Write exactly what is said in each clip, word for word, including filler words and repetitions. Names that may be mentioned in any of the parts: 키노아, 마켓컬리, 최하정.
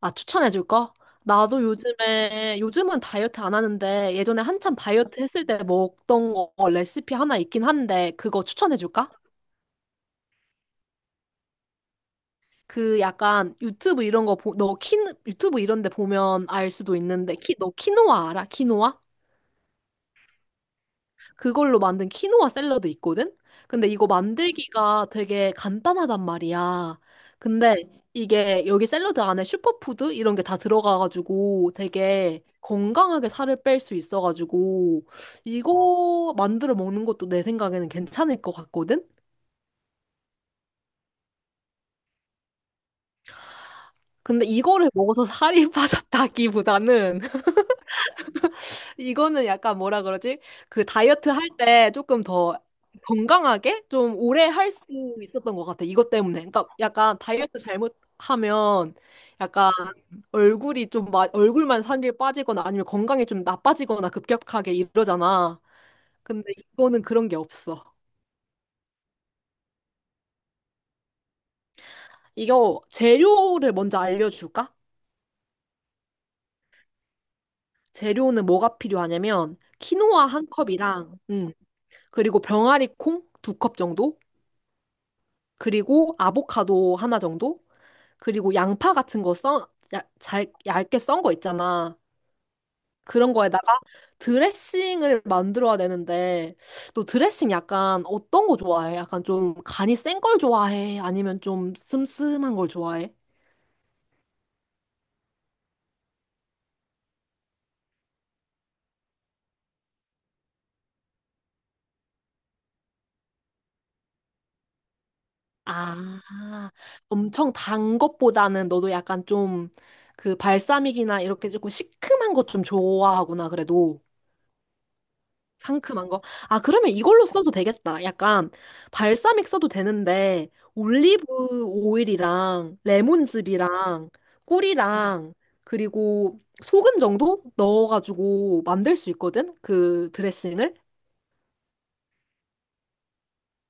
아, 추천해줄 거? 나도 요즘에, 요즘은 다이어트 안 하는데, 예전에 한참 다이어트 했을 때 먹던 거 레시피 하나 있긴 한데, 그거 추천해줄까? 그 약간 유튜브 이런 거, 보, 너 키, 유튜브 이런 데 보면 알 수도 있는데, 키, 너 키노아 알아? 키노아? 그걸로 만든 키노아 샐러드 있거든? 근데 이거 만들기가 되게 간단하단 말이야. 근데 이게 여기 샐러드 안에 슈퍼푸드 이런 게 다 들어가가지고 되게 건강하게 살을 뺄 수 있어가지고 이거 만들어 먹는 것도 내 생각에는 괜찮을 것 같거든? 근데 이거를 먹어서 살이 빠졌다기보다는 이거는 약간 뭐라 그러지? 그 다이어트 할 때 조금 더 건강하게 좀 오래 할 수 있었던 것 같아. 이것 때문에. 그러니까 약간 다이어트 잘못하면 약간 얼굴이 좀 마, 얼굴만 살이 빠지거나 아니면 건강이 좀 나빠지거나 급격하게 이러잖아. 근데 이거는 그런 게 없어. 이거 재료를 먼저 알려줄까? 재료는 뭐가 필요하냐면 키노아 한 컵이랑 음, 그리고 병아리 콩 두 컵 정도 그리고 아보카도 하나 정도 그리고 양파 같은 거 써, 야, 잘, 얇게 썬 거 있잖아. 그런 거에다가 드레싱을 만들어야 되는데, 너 드레싱 약간 어떤 거 좋아해? 약간 좀 간이 센 걸 좋아해? 아니면 좀 슴슴한 걸 좋아해? 아, 엄청 단 것보다는 너도 약간 좀 그 발사믹이나 이렇게 조금 시큼한 것 좀 좋아하구나, 그래도. 상큼한 거. 아, 그러면 이걸로 써도 되겠다. 약간 발사믹 써도 되는데 올리브 오일이랑 레몬즙이랑 꿀이랑 그리고 소금 정도 넣어가지고 만들 수 있거든. 그 드레싱을.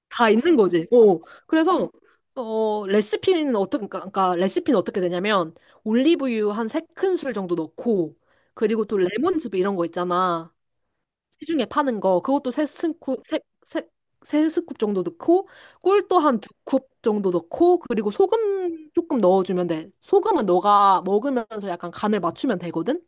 다 있는 거지. 어. 그래서 어 레시피는 어떻게 그러니까 그러니까 레시피는 어떻게 되냐면 올리브유 한 세큰술 정도 넣고 그리고 또 레몬즙 이런 거 있잖아. 시중에 파는 거 그것도 세 스쿱 세, 세, 세 스쿱 정도 넣고 꿀도 한 두 컵 정도 넣고 그리고 소금 조금 넣어주면 돼. 소금은 너가 먹으면서 약간 간을 맞추면 되거든.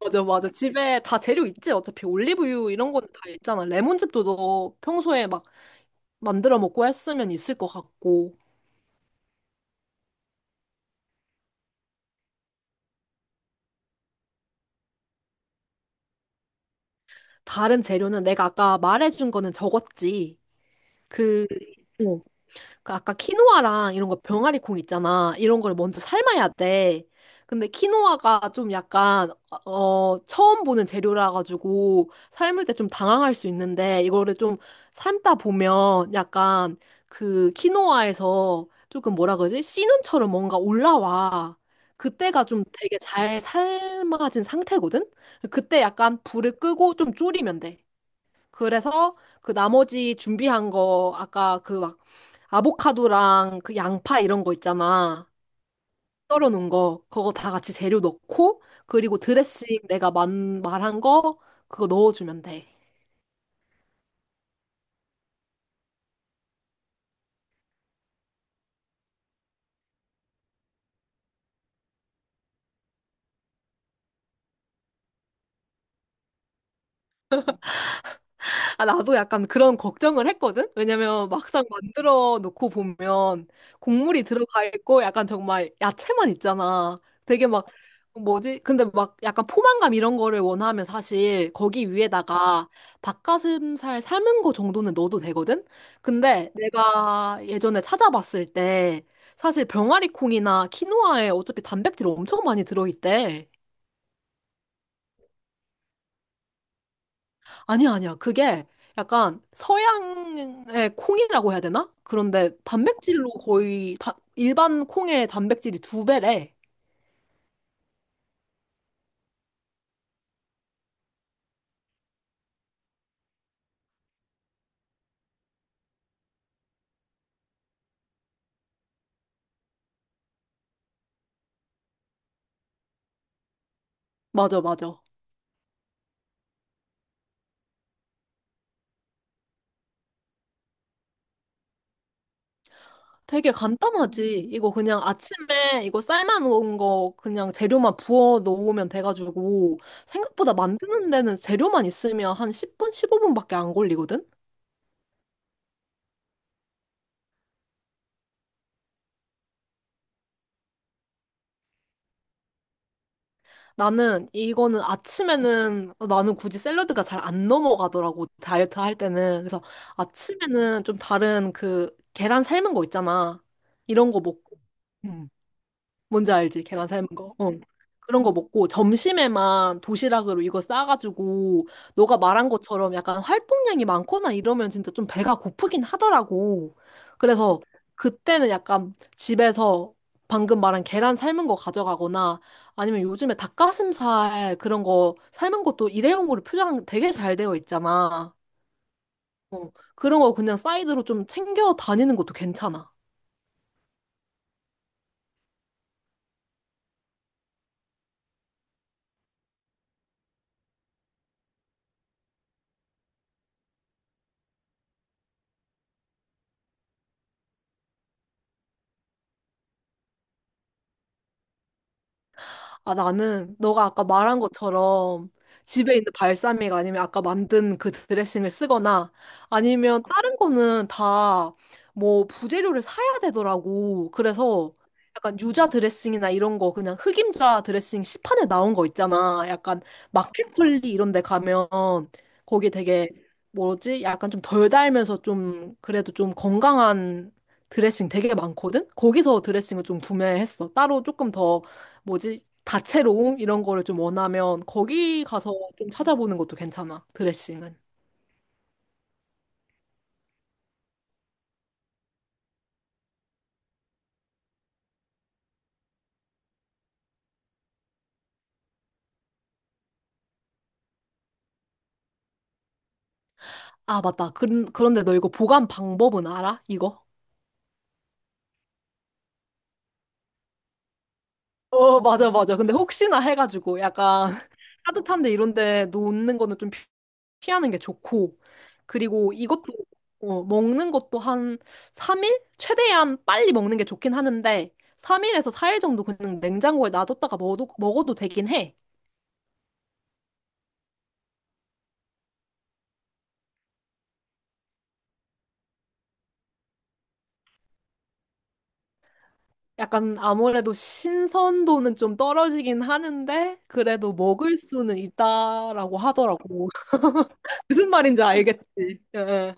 맞아, 맞아. 집에 다 재료 있지. 어차피 올리브유 이런 건 다 있잖아. 레몬즙도 너 평소에 막 만들어 먹고 했으면 있을 것 같고. 다른 재료는 내가 아까 말해준 거는 적었지. 그, 그 아까 키노아랑 이런 거 병아리 콩 있잖아. 이런 걸 먼저 삶아야 돼. 근데 키노아가 좀 약간 어 처음 보는 재료라 가지고 삶을 때 좀 당황할 수 있는데 이거를 좀 삶다 보면 약간 그 키노아에서 조금 뭐라 그러지? 씨눈처럼 뭔가 올라와. 그때가 좀 되게 잘 삶아진 상태거든? 그때 약간 불을 끄고 좀 졸이면 돼. 그래서 그 나머지 준비한 거 아까 그 막 아보카도랑 그 양파 이런 거 있잖아. 썰어 놓은 거 그거 다 같이 재료 넣고 그리고 드레싱 내가 만, 말한 거 그거 넣어주면 돼. 아, 나도 약간 그런 걱정을 했거든? 왜냐면 막상 만들어 놓고 보면 곡물이 들어가 있고 약간 정말 야채만 있잖아. 되게 막, 뭐지? 근데 막 약간 포만감 이런 거를 원하면 사실 거기 위에다가 닭가슴살 삶은 거 정도는 넣어도 되거든? 근데 내가 예전에 찾아봤을 때 사실 병아리 콩이나 키노아에 어차피 단백질이 엄청 많이 들어있대. 아니야, 아니야. 그게 약간 서양의 콩이라고 해야 되나? 그런데 단백질로 거의 다, 일반 콩의 단백질이 두 배래. 맞아, 맞아. 되게 간단하지. 이거 그냥 아침에 이거 삶아 놓은 거 그냥 재료만 부어 놓으면 돼가지고 생각보다 만드는 데는 재료만 있으면 한 십 분, 십오 분밖에 안 걸리거든? 나는 이거는 아침에는 나는 굳이 샐러드가 잘 안 넘어가더라고. 다이어트 할 때는 그래서 아침에는 좀 다른 그 계란 삶은 거 있잖아. 이런 거 먹고. 뭔지 알지? 계란 삶은 거. 어. 그런 거 먹고 점심에만 도시락으로 이거 싸가지고 너가 말한 것처럼 약간 활동량이 많거나 이러면 진짜 좀 배가 고프긴 하더라고. 그래서 그때는 약간 집에서 방금 말한 계란 삶은 거 가져가거나 아니면 요즘에 닭가슴살 그런 거 삶은 것도 일회용으로 포장 되게 잘 되어 있잖아. 어, 그런 거 그냥 사이드로 좀 챙겨 다니는 것도 괜찮아. 아, 나는 너가 아까 말한 것처럼 집에 있는 발사믹 아니면 아까 만든 그 드레싱을 쓰거나 아니면 다른 거는 다 뭐 부재료를 사야 되더라고. 그래서 약간 유자 드레싱이나 이런 거 그냥 흑임자 드레싱 시판에 나온 거 있잖아. 약간 마켓컬리 이런 데 가면 거기 되게 뭐지? 약간 좀 덜 달면서 좀 그래도 좀 건강한 드레싱 되게 많거든? 거기서 드레싱을 좀 구매했어. 따로 조금 더 뭐지? 다채로움 이런 거를 좀 원하면 거기 가서 좀 찾아보는 것도 괜찮아. 드레싱은. 아, 맞다. 그, 그런데 너 이거 보관 방법은 알아? 이거? 어, 맞아, 맞아. 근데 혹시나 해가지고 약간 따뜻한데 이런데 놓는 거는 좀 피- 피하는 게 좋고. 그리고 이것도, 어, 먹는 것도 한 삼 일? 최대한 빨리 먹는 게 좋긴 하는데, 삼 일에서 사 일 정도 그냥 냉장고에 놔뒀다가 먹어도, 먹어도 되긴 해. 약간 아무래도 신선도는 좀 떨어지긴 하는데 그래도 먹을 수는 있다라고 하더라고. 무슨 말인지 알겠지. 예, 예.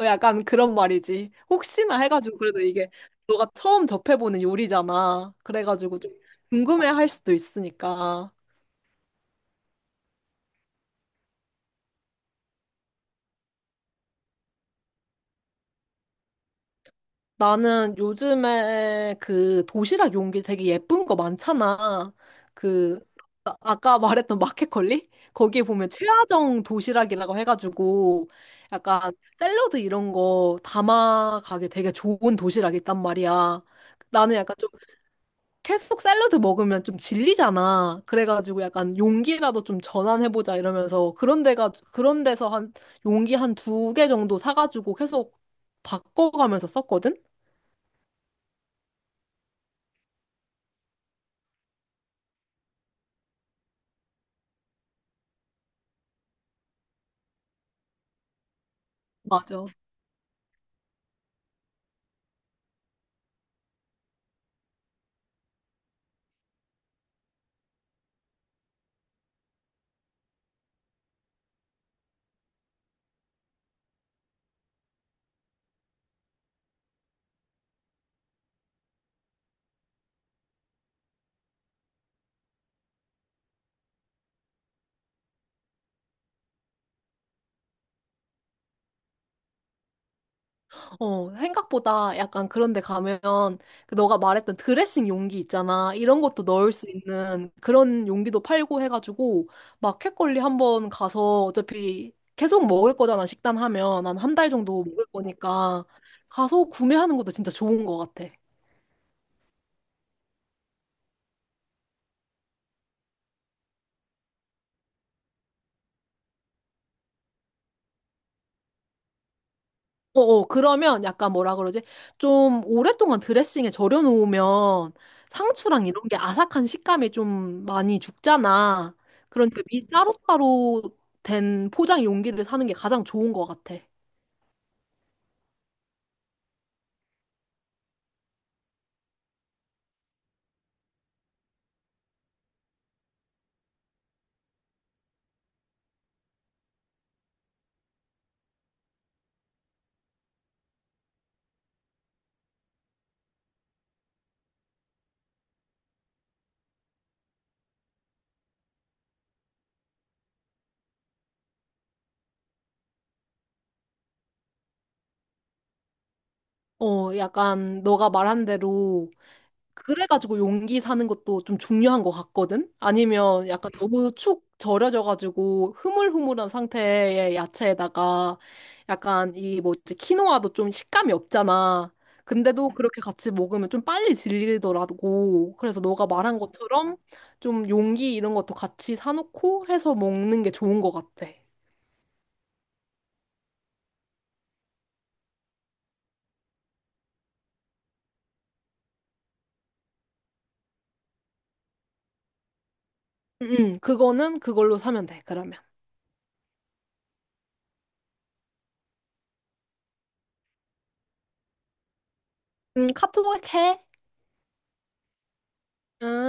어, 약간 그런 말이지. 혹시나 해가지고 그래도 이게 너가 처음 접해보는 요리잖아. 그래가지고 좀 궁금해할 수도 있으니까. 나는 요즘에 그 도시락 용기 되게 예쁜 거 많잖아. 그 아- 아까 말했던 마켓컬리? 거기에 보면 최하정 도시락이라고 해가지고 약간 샐러드 이런 거 담아가기 되게 좋은 도시락이 있단 말이야. 나는 약간 좀 계속 샐러드 먹으면 좀 질리잖아. 그래가지고 약간 용기라도 좀 전환해보자 이러면서 그런 데가 그런 데서 한 용기 한 두 개 정도 사가지고 계속 바꿔가면서 썼거든? 맞아. 어, 생각보다 약간 그런 데 가면 그 너가 말했던 드레싱 용기 있잖아. 이런 것도 넣을 수 있는 그런 용기도 팔고 해가지고 마켓컬리 한번 가서 어차피 계속 먹을 거잖아. 식단 하면 난 한 달 정도 먹을 거니까 가서 구매하는 것도 진짜 좋은 것 같아. 어어, 그러면 약간 뭐라 그러지? 좀 오랫동안 드레싱에 절여놓으면 상추랑 이런 게 아삭한 식감이 좀 많이 죽잖아. 그러니까 미 따로따로 된 포장 용기를 사는 게 가장 좋은 것 같아. 어, 약간 너가 말한 대로 그래가지고 용기 사는 것도 좀 중요한 것 같거든? 아니면 약간 너무 축 절여져가지고 흐물흐물한 상태의 야채에다가 약간 이 뭐지, 키노아도 좀 식감이 없잖아. 근데도 그렇게 같이 먹으면 좀 빨리 질리더라고. 그래서 너가 말한 것처럼 좀 용기 이런 것도 같이 사놓고 해서 먹는 게 좋은 것 같아. 응, 응. 그거는 그걸로 사면 돼, 그러면. 응, 카톡 해. 응.